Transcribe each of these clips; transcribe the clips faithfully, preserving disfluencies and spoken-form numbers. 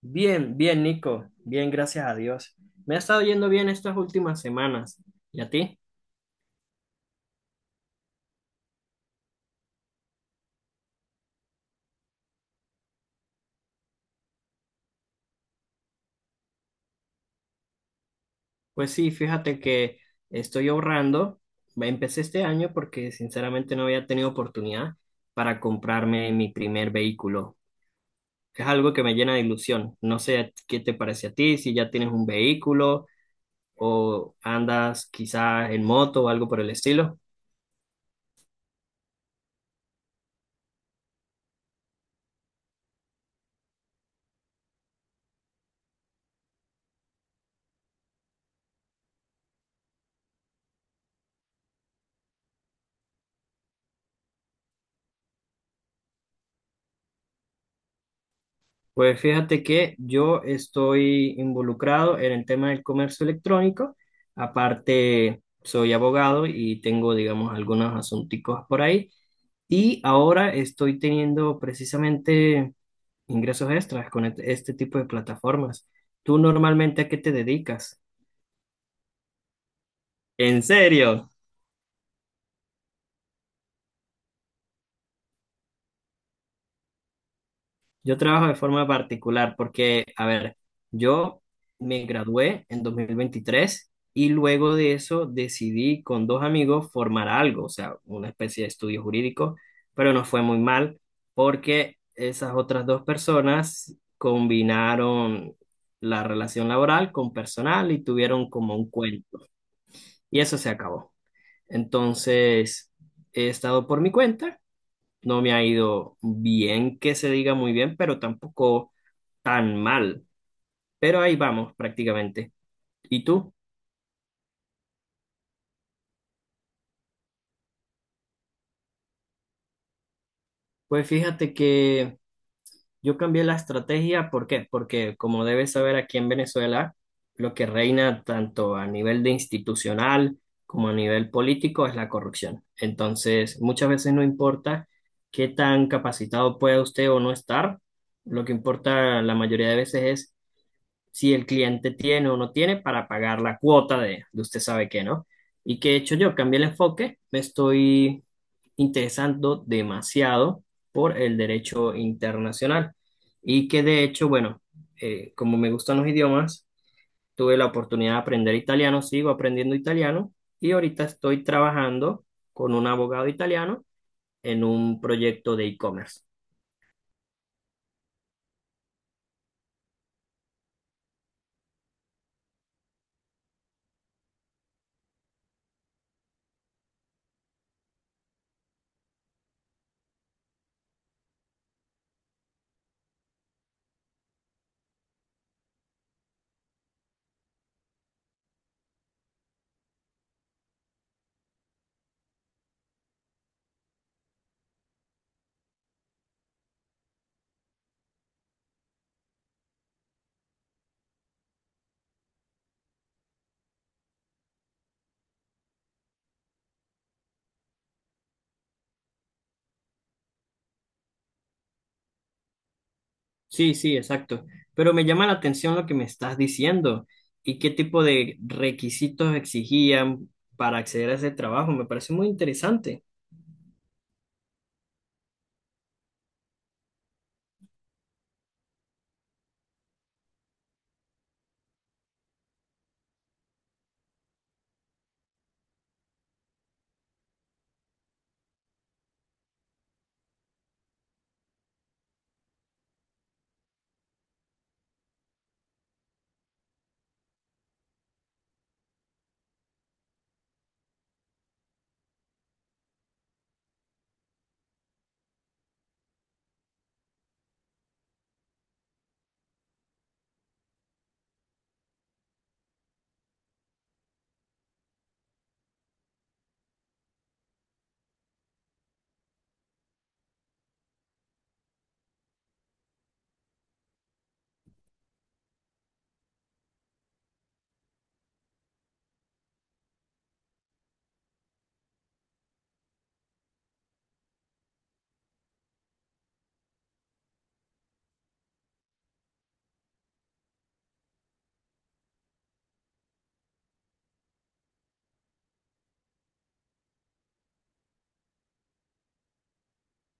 Bien, bien, Nico. Bien, gracias a Dios. Me ha estado yendo bien estas últimas semanas. ¿Y a ti? Pues sí, fíjate que estoy ahorrando. Empecé este año porque sinceramente no había tenido oportunidad para comprarme mi primer vehículo. Es algo que me llena de ilusión. No sé qué te parece a ti, si ya tienes un vehículo o andas quizás en moto o algo por el estilo. Pues fíjate que yo estoy involucrado en el tema del comercio electrónico. Aparte, soy abogado y tengo, digamos, algunos asunticos por ahí. Y ahora estoy teniendo precisamente ingresos extras con et- este tipo de plataformas. ¿Tú normalmente a qué te dedicas? ¿En serio? Yo trabajo de forma particular porque, a ver, yo me gradué en dos mil veintitrés y luego de eso decidí con dos amigos formar algo, o sea, una especie de estudio jurídico, pero nos fue muy mal porque esas otras dos personas combinaron la relación laboral con personal y tuvieron como un cuento y eso se acabó. Entonces, he estado por mi cuenta, no me ha ido bien que se diga muy bien, pero tampoco tan mal, pero ahí vamos prácticamente. ¿Y tú? Pues fíjate que yo cambié la estrategia, ¿por qué? Porque como debes saber aquí en Venezuela, lo que reina tanto a nivel de institucional como a nivel político es la corrupción. Entonces, muchas veces no importa qué tan capacitado pueda usted o no estar, lo que importa la mayoría de veces es si el cliente tiene o no tiene para pagar la cuota de, de usted sabe qué, ¿no? ¿Y qué he hecho yo? Cambié el enfoque, me estoy interesando demasiado por el derecho internacional y que de hecho, bueno, eh, como me gustan los idiomas, tuve la oportunidad de aprender italiano, sigo aprendiendo italiano y ahorita estoy trabajando con un abogado italiano en un proyecto de e-commerce. Sí, sí, exacto. Pero me llama la atención lo que me estás diciendo y qué tipo de requisitos exigían para acceder a ese trabajo. Me parece muy interesante.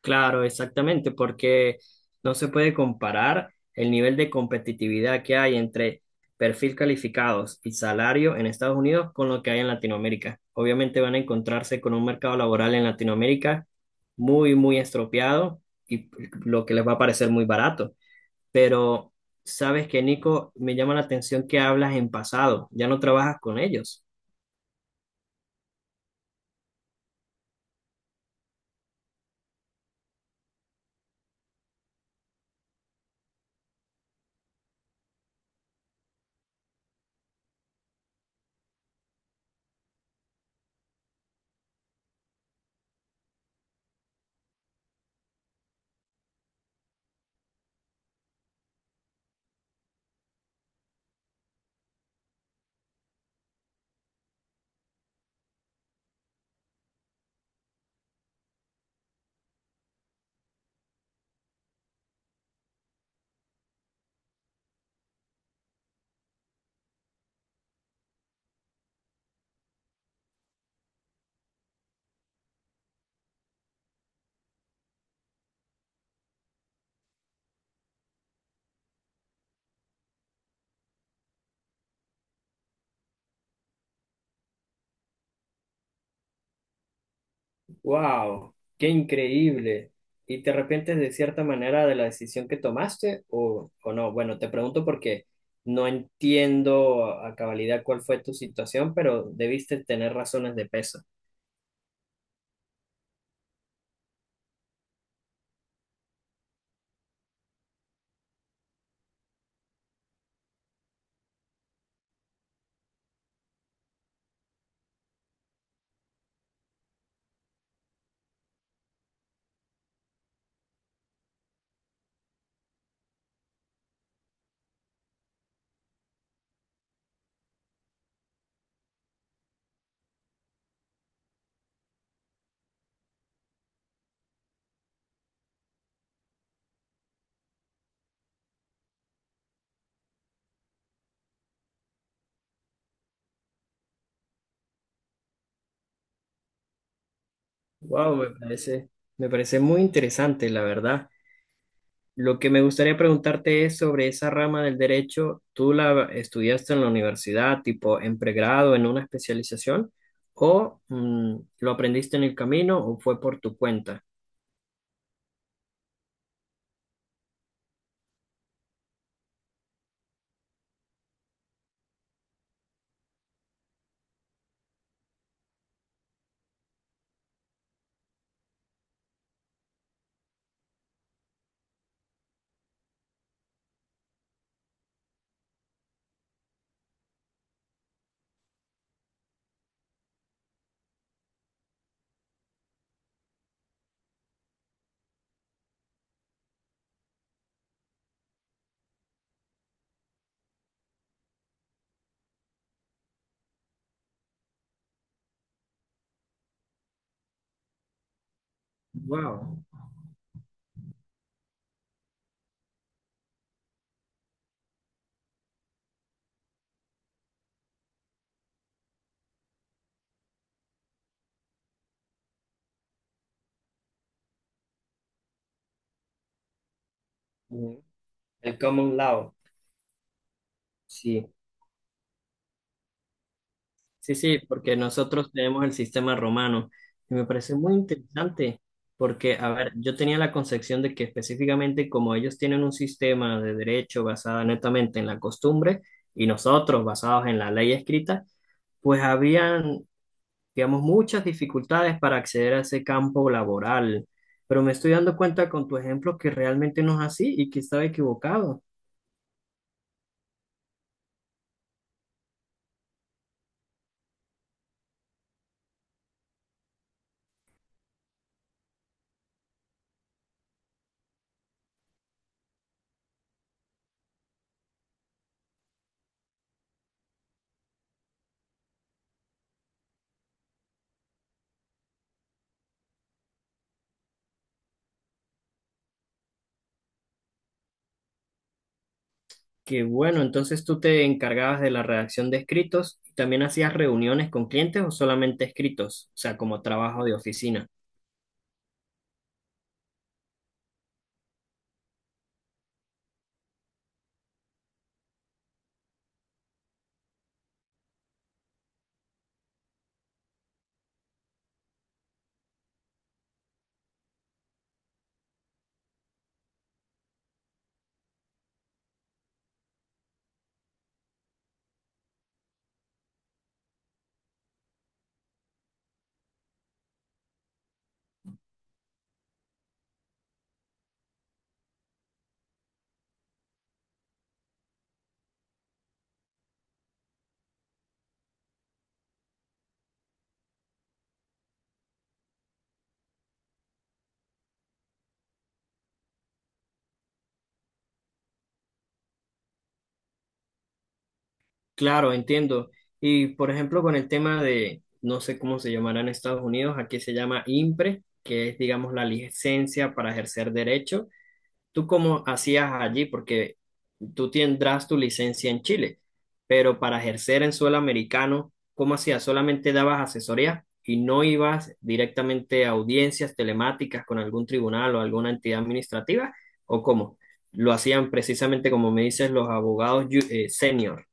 Claro, exactamente, porque no se puede comparar el nivel de competitividad que hay entre perfil calificados y salario en Estados Unidos con lo que hay en Latinoamérica. Obviamente van a encontrarse con un mercado laboral en Latinoamérica muy, muy estropeado y lo que les va a parecer muy barato. Pero sabes que, Nico, me llama la atención que hablas en pasado, ya no trabajas con ellos. Wow, qué increíble. ¿Y te arrepientes de cierta manera de la decisión que tomaste o, o no? Bueno, te pregunto porque no entiendo a cabalidad cuál fue tu situación, pero debiste tener razones de peso. Wow, me parece, me parece muy interesante, la verdad. Lo que me gustaría preguntarte es sobre esa rama del derecho. ¿Tú la estudiaste en la universidad, tipo en pregrado, en una especialización, o mm, lo aprendiste en el camino o fue por tu cuenta? Wow. Ujú. El common law, sí. Sí, sí, porque nosotros tenemos el sistema romano y me parece muy interesante porque, a ver, yo tenía la concepción de que específicamente como ellos tienen un sistema de derecho basado netamente en la costumbre y nosotros basados en la ley escrita, pues habían, digamos, muchas dificultades para acceder a ese campo laboral. Pero me estoy dando cuenta con tu ejemplo que realmente no es así y que estaba equivocado. Qué bueno, entonces tú te encargabas de la redacción de escritos y también hacías reuniones con clientes o solamente escritos, o sea, como trabajo de oficina. Claro, entiendo. Y por ejemplo, con el tema de, no sé cómo se llamará en Estados Unidos, aquí se llama IMPRE, que es, digamos, la licencia para ejercer derecho. ¿Tú cómo hacías allí? Porque tú tendrás tu licencia en Chile, pero para ejercer en suelo americano, ¿cómo hacías? ¿Solamente dabas asesoría y no ibas directamente a audiencias telemáticas con algún tribunal o alguna entidad administrativa? ¿O cómo? Lo hacían precisamente como me dices los abogados ju- eh, senior.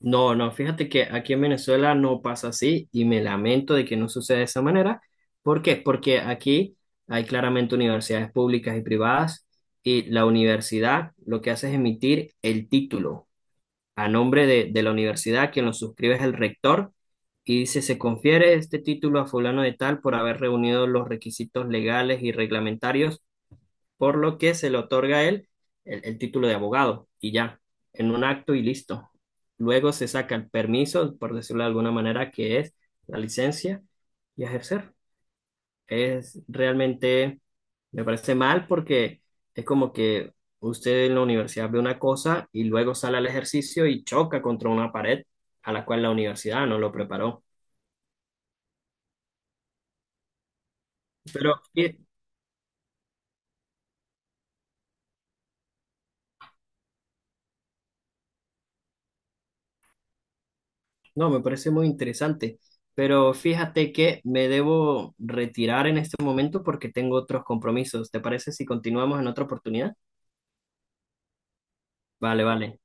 No, no, fíjate que aquí en Venezuela no pasa así y me lamento de que no suceda de esa manera. ¿Por qué? Porque aquí hay claramente universidades públicas y privadas y la universidad lo que hace es emitir el título a nombre de, de la universidad, quien lo suscribe es el rector y dice, se confiere este título a fulano de tal por haber reunido los requisitos legales y reglamentarios por lo que se le otorga a él el, el título de abogado y ya, en un acto y listo. Luego se saca el permiso, por decirlo de alguna manera, que es la licencia y ejercer. Es realmente, me parece mal porque es como que usted en la universidad ve una cosa y luego sale al ejercicio y choca contra una pared a la cual la universidad no lo preparó. Pero, eh, no, me parece muy interesante, pero fíjate que me debo retirar en este momento porque tengo otros compromisos. ¿Te parece si continuamos en otra oportunidad? Vale, vale.